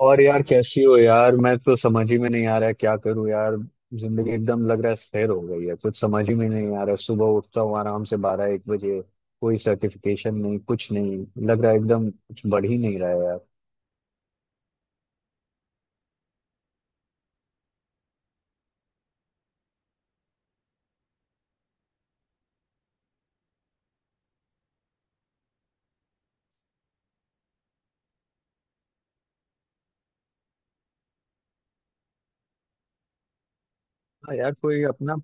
और यार, कैसी हो यार। मैं तो समझ ही में नहीं आ रहा है क्या करूं यार। जिंदगी एकदम लग रहा है स्थिर हो गई है, कुछ समझ ही में नहीं आ रहा है। सुबह उठता हूँ आराम से बारह एक बजे। कोई सर्टिफिकेशन नहीं, कुछ नहीं। लग रहा है एकदम कुछ बढ़ ही नहीं रहा है यार। हाँ यार, कोई अपना।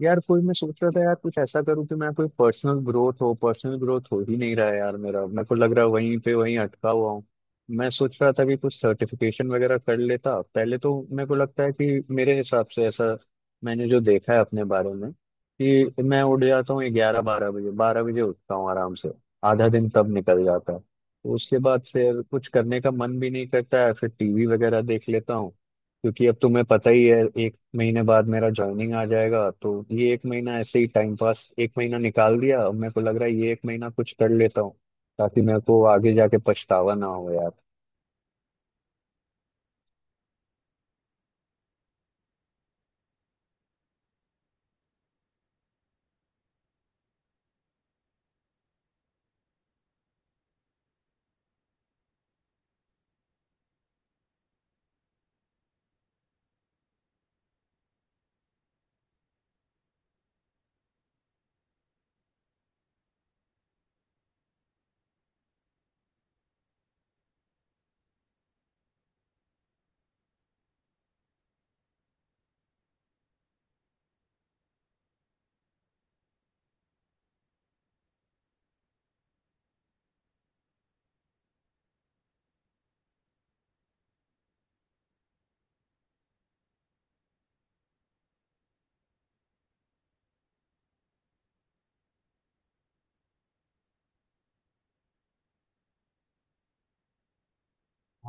यार कोई, मैं सोच रहा था यार कुछ ऐसा करूँ कि मैं कोई पर्सनल ग्रोथ हो ही नहीं रहा है यार मेरा। मेरे को लग रहा है वहीं पे वहीं अटका हुआ हूँ। मैं सोच रहा था कि कुछ सर्टिफिकेशन वगैरह कर लेता पहले। तो मेरे को लगता है कि मेरे हिसाब से ऐसा, मैंने जो देखा है अपने बारे में, कि मैं उठ जाता हूँ ग्यारह बारह बजे उठता हूँ आराम से। आधा दिन तब निकल जाता है, तो उसके बाद फिर कुछ करने का मन भी नहीं करता है, फिर टीवी वगैरह देख लेता हूँ। क्योंकि अब तुम्हें पता ही है, एक महीने बाद मेरा ज्वाइनिंग आ जाएगा। तो ये एक महीना ऐसे ही टाइम पास, एक महीना निकाल दिया। अब मेरे को लग रहा है ये एक महीना कुछ कर लेता हूँ, ताकि मेरे को आगे जाके पछतावा ना हो।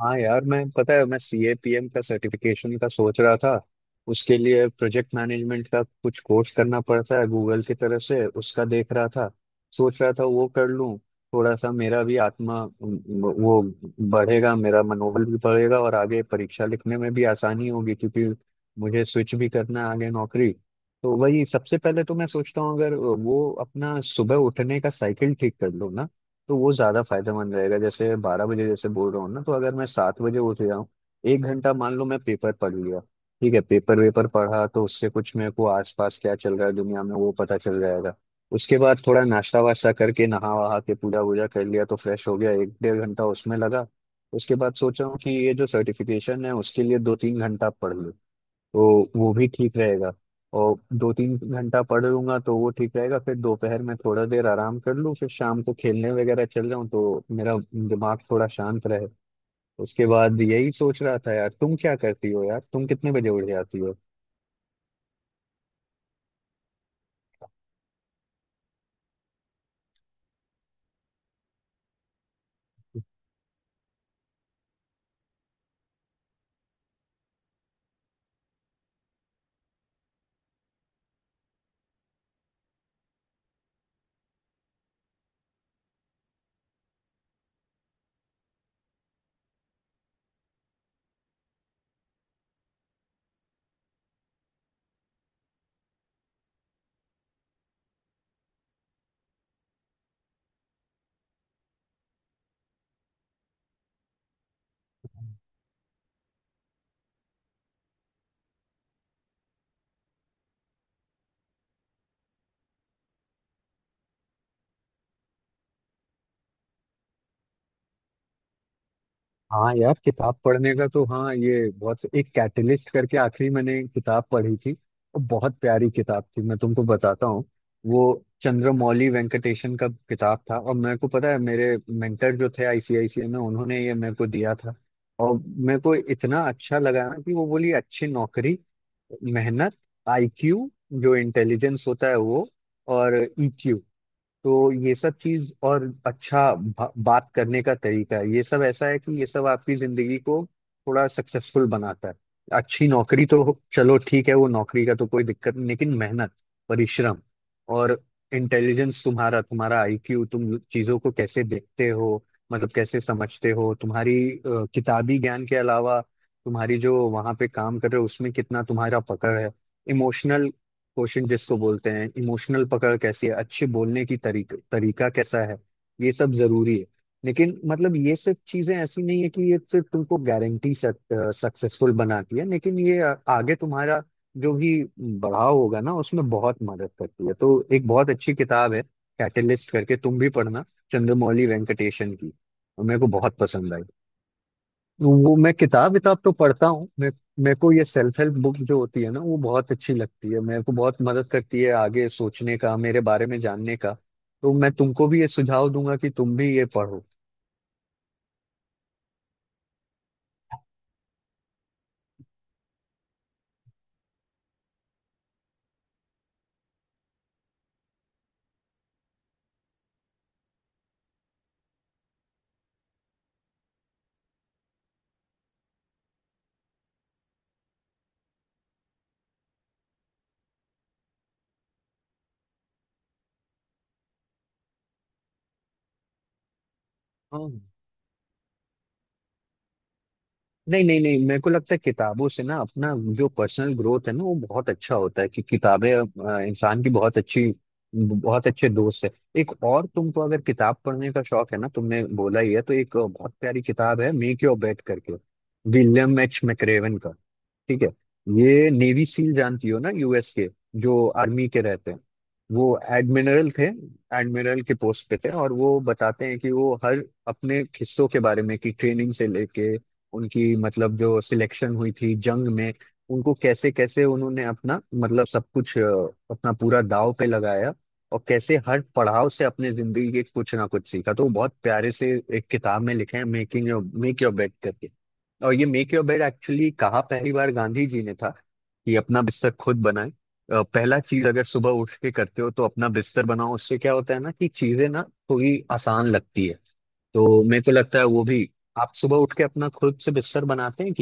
हाँ यार, मैं पता है, मैं CAPM का सर्टिफिकेशन का सोच रहा था। उसके लिए प्रोजेक्ट मैनेजमेंट का कुछ कोर्स करना पड़ता है, गूगल की तरफ से उसका देख रहा था। सोच रहा था वो कर लूँ। थोड़ा सा मेरा भी आत्मा, वो बढ़ेगा, मेरा मनोबल भी बढ़ेगा और आगे परीक्षा लिखने में भी आसानी होगी, क्योंकि मुझे स्विच भी करना है आगे नौकरी। तो वही सबसे पहले तो मैं सोचता हूँ, अगर वो अपना सुबह उठने का साइकिल ठीक कर लो ना, तो वो ज्यादा फायदेमंद रहेगा। जैसे बारह बजे जैसे बोल रहा हूँ ना, तो अगर मैं 7 बजे उठ जाऊँ, एक घंटा मान लो मैं पेपर पढ़ लिया। ठीक है, पेपर वेपर पढ़ा तो उससे कुछ मेरे को आसपास क्या चल रहा है दुनिया में, वो पता चल जाएगा। उसके बाद थोड़ा नाश्ता वाश्ता करके, नहा वहा के, पूजा वूजा कर लिया तो फ्रेश हो गया, एक डेढ़ घंटा उसमें लगा। उसके बाद सोचा हूँ कि ये जो सर्टिफिकेशन है, उसके लिए दो तीन घंटा पढ़ लूँ तो वो भी ठीक रहेगा। और दो तीन घंटा पढ़ लूंगा तो वो ठीक रहेगा। फिर दोपहर में थोड़ा देर आराम कर लूँ, फिर शाम को खेलने वगैरह चल जाऊँ तो मेरा दिमाग थोड़ा शांत रहे। उसके बाद यही सोच रहा था यार, तुम क्या करती हो यार, तुम कितने बजे उठ जाती हो। हाँ यार, किताब पढ़ने का तो, हाँ ये बहुत एक कैटलिस्ट करके आखिरी मैंने किताब पढ़ी थी, और बहुत प्यारी किताब थी, मैं तुमको बताता हूँ। वो चंद्रमौली वेंकटेशन का किताब था, और मेरे को पता है, मेरे मेंटर जो थे ICICI में, उन्होंने ये मेरे को दिया था। और मेरे को इतना अच्छा लगा ना, कि वो बोली अच्छी नौकरी, मेहनत, IQ, जो इंटेलिजेंस होता है वो, और EQ। तो ये सब चीज, और अच्छा बात करने का तरीका है। ये सब ऐसा है कि ये सब आपकी जिंदगी को थोड़ा सक्सेसफुल बनाता है। अच्छी नौकरी तो चलो ठीक है, वो नौकरी का तो कोई दिक्कत नहीं, लेकिन मेहनत, परिश्रम, और इंटेलिजेंस, तुम्हारा तुम्हारा IQ, तुम चीजों को कैसे देखते हो, मतलब कैसे समझते हो। तुम्हारी किताबी ज्ञान के अलावा, तुम्हारी जो वहां पे काम कर रहे हो उसमें कितना तुम्हारा पकड़ है। इमोशनल क्वेश्चन जिसको बोलते हैं, इमोशनल पकड़ कैसी है, अच्छे बोलने की तरीका कैसा है। ये सब जरूरी है। लेकिन मतलब ये सब चीजें ऐसी नहीं है कि ये सिर्फ तुमको गारंटी सक्सेसफुल बनाती है, लेकिन ये आगे तुम्हारा जो भी बढ़ाव होगा ना उसमें बहुत मदद करती है। तो एक बहुत अच्छी किताब है कैटलिस्ट करके, तुम भी पढ़ना, चंद्रमौली वेंकटेशन की। मेरे को बहुत पसंद आई। वो मैं किताब विताब तो पढ़ता हूँ मैं। मेरे को ये सेल्फ हेल्प बुक जो होती है ना वो बहुत अच्छी लगती है, मेरे को बहुत मदद करती है आगे सोचने का, मेरे बारे में जानने का। तो मैं तुमको भी ये सुझाव दूंगा कि तुम भी ये पढ़ो। हाँ। नहीं नहीं नहीं, मेरे को लगता है किताबों से ना अपना जो पर्सनल ग्रोथ है ना वो बहुत अच्छा होता है, कि किताबें इंसान की बहुत अच्छी, बहुत अच्छे दोस्त है। एक और, तुमको अगर किताब पढ़ने का शौक है ना, तुमने बोला ही है, तो एक बहुत प्यारी किताब है मेक योर बेड करके, विलियम एच मैक्रेवन का। ठीक है, ये नेवी सील जानती हो ना, US के जो आर्मी के रहते हैं। वो एडमिरल थे, एडमिरल के पोस्ट पे थे। और वो बताते हैं कि वो हर अपने हिस्सों के बारे में, कि ट्रेनिंग से लेके उनकी, मतलब जो सिलेक्शन हुई थी जंग में, उनको कैसे कैसे उन्होंने अपना, मतलब सब कुछ, अपना पूरा दाव पे लगाया। और कैसे हर पड़ाव से अपने जिंदगी के कुछ ना कुछ सीखा, तो वो बहुत प्यारे से एक किताब में लिखे हैं, मेक योर बेड करके। और ये मेक योर बेड एक्चुअली कहा पहली बार गांधी जी ने था, कि अपना बिस्तर खुद बनाए। पहला चीज अगर सुबह उठ के करते हो तो अपना बिस्तर बनाओ, उससे क्या होता है ना, कि चीजें ना थोड़ी आसान लगती है। तो मेरे को लगता है वो भी, आप सुबह उठ के अपना खुद से बिस्तर बनाते हैं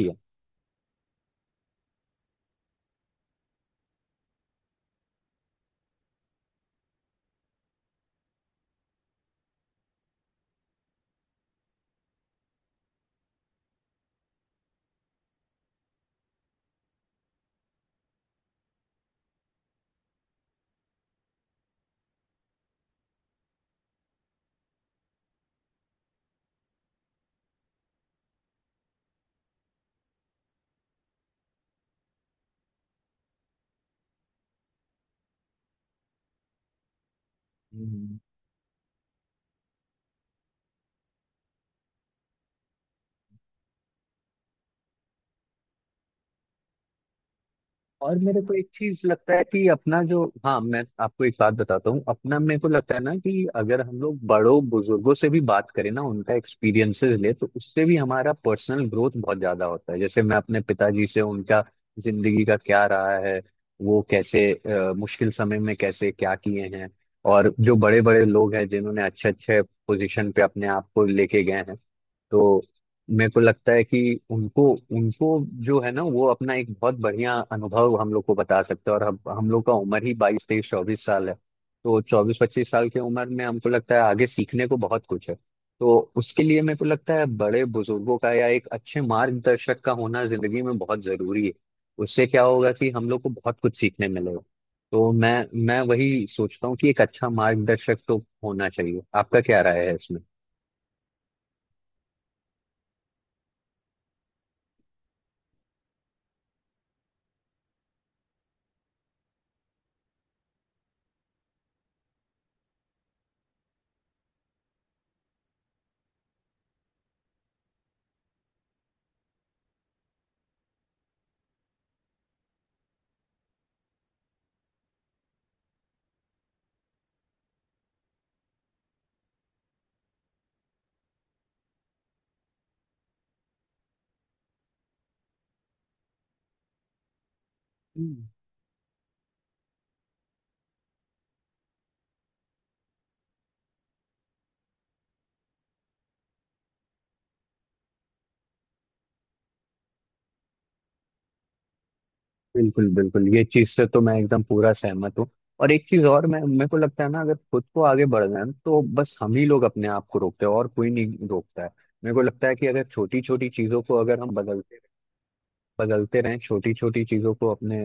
कि। और मेरे को एक चीज लगता है कि अपना जो, हाँ मैं आपको एक बात बताता हूँ। अपना मेरे को लगता है ना कि अगर हम लोग बड़ों बुजुर्गों से भी बात करें ना, उनका एक्सपीरियंसेस ले, तो उससे भी हमारा पर्सनल ग्रोथ बहुत ज्यादा होता है। जैसे मैं अपने पिताजी से, उनका जिंदगी का क्या रहा है, वो कैसे मुश्किल समय में कैसे क्या किए हैं। और जो बड़े बड़े लोग हैं जिन्होंने अच्छे अच्छे पोजीशन पे अपने आप को लेके गए हैं, तो मेरे को लगता है कि उनको उनको जो है ना, वो अपना एक बहुत बढ़िया अनुभव हम लोग को बता सकते हैं। और हम लोग का उम्र ही 22 23 24 साल है। तो 24 25 साल की उम्र में हमको लगता है आगे सीखने को बहुत कुछ है। तो उसके लिए मेरे को लगता है बड़े बुजुर्गों का या एक अच्छे मार्गदर्शक का होना जिंदगी में बहुत जरूरी है। उससे क्या होगा, कि हम लोग को बहुत कुछ सीखने मिलेगा। तो मैं वही सोचता हूँ कि एक अच्छा मार्गदर्शक तो होना चाहिए। आपका क्या राय है इसमें? बिल्कुल बिल्कुल, ये चीज से तो मैं एकदम पूरा सहमत हूँ। और एक चीज और, मैं, मेरे को लगता है ना, अगर खुद को आगे बढ़ना है तो बस हम ही लोग अपने आप को रोकते हैं, और कोई नहीं रोकता है। मेरे को लगता है कि अगर छोटी छोटी चीजों को, अगर हम बदलते, बदलते रहें छोटी छोटी चीजों को, अपने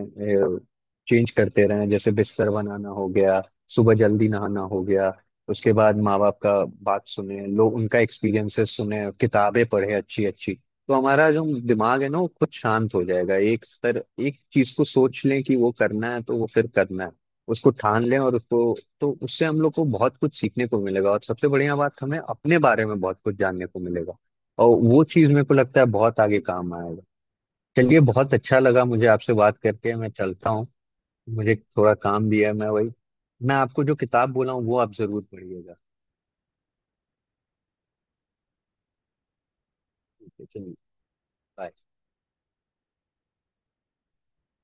चेंज करते रहें, जैसे बिस्तर बनाना हो गया, सुबह जल्दी नहाना हो गया, उसके बाद माँ बाप का बात सुने, लोग उनका एक्सपीरियंसेस सुने, किताबें पढ़े अच्छी अच्छी, तो हमारा जो दिमाग है ना वो खुद शांत हो जाएगा। एक स्तर, एक चीज को सोच लें कि वो करना है, तो वो फिर करना है, उसको ठान लें। और उसको तो उससे हम लोग को बहुत कुछ सीखने को मिलेगा, और सबसे बढ़िया बात, हमें अपने बारे में बहुत कुछ जानने को मिलेगा। और वो चीज मेरे को लगता है बहुत आगे काम आएगा। चलिए, बहुत अच्छा लगा मुझे आपसे बात करके, मैं चलता हूँ। मुझे थोड़ा काम भी है, मैं वही। मैं आपको जो किताब बोला हूँ वो आप जरूर पढ़िएगा। ठीक है चलिए। bye।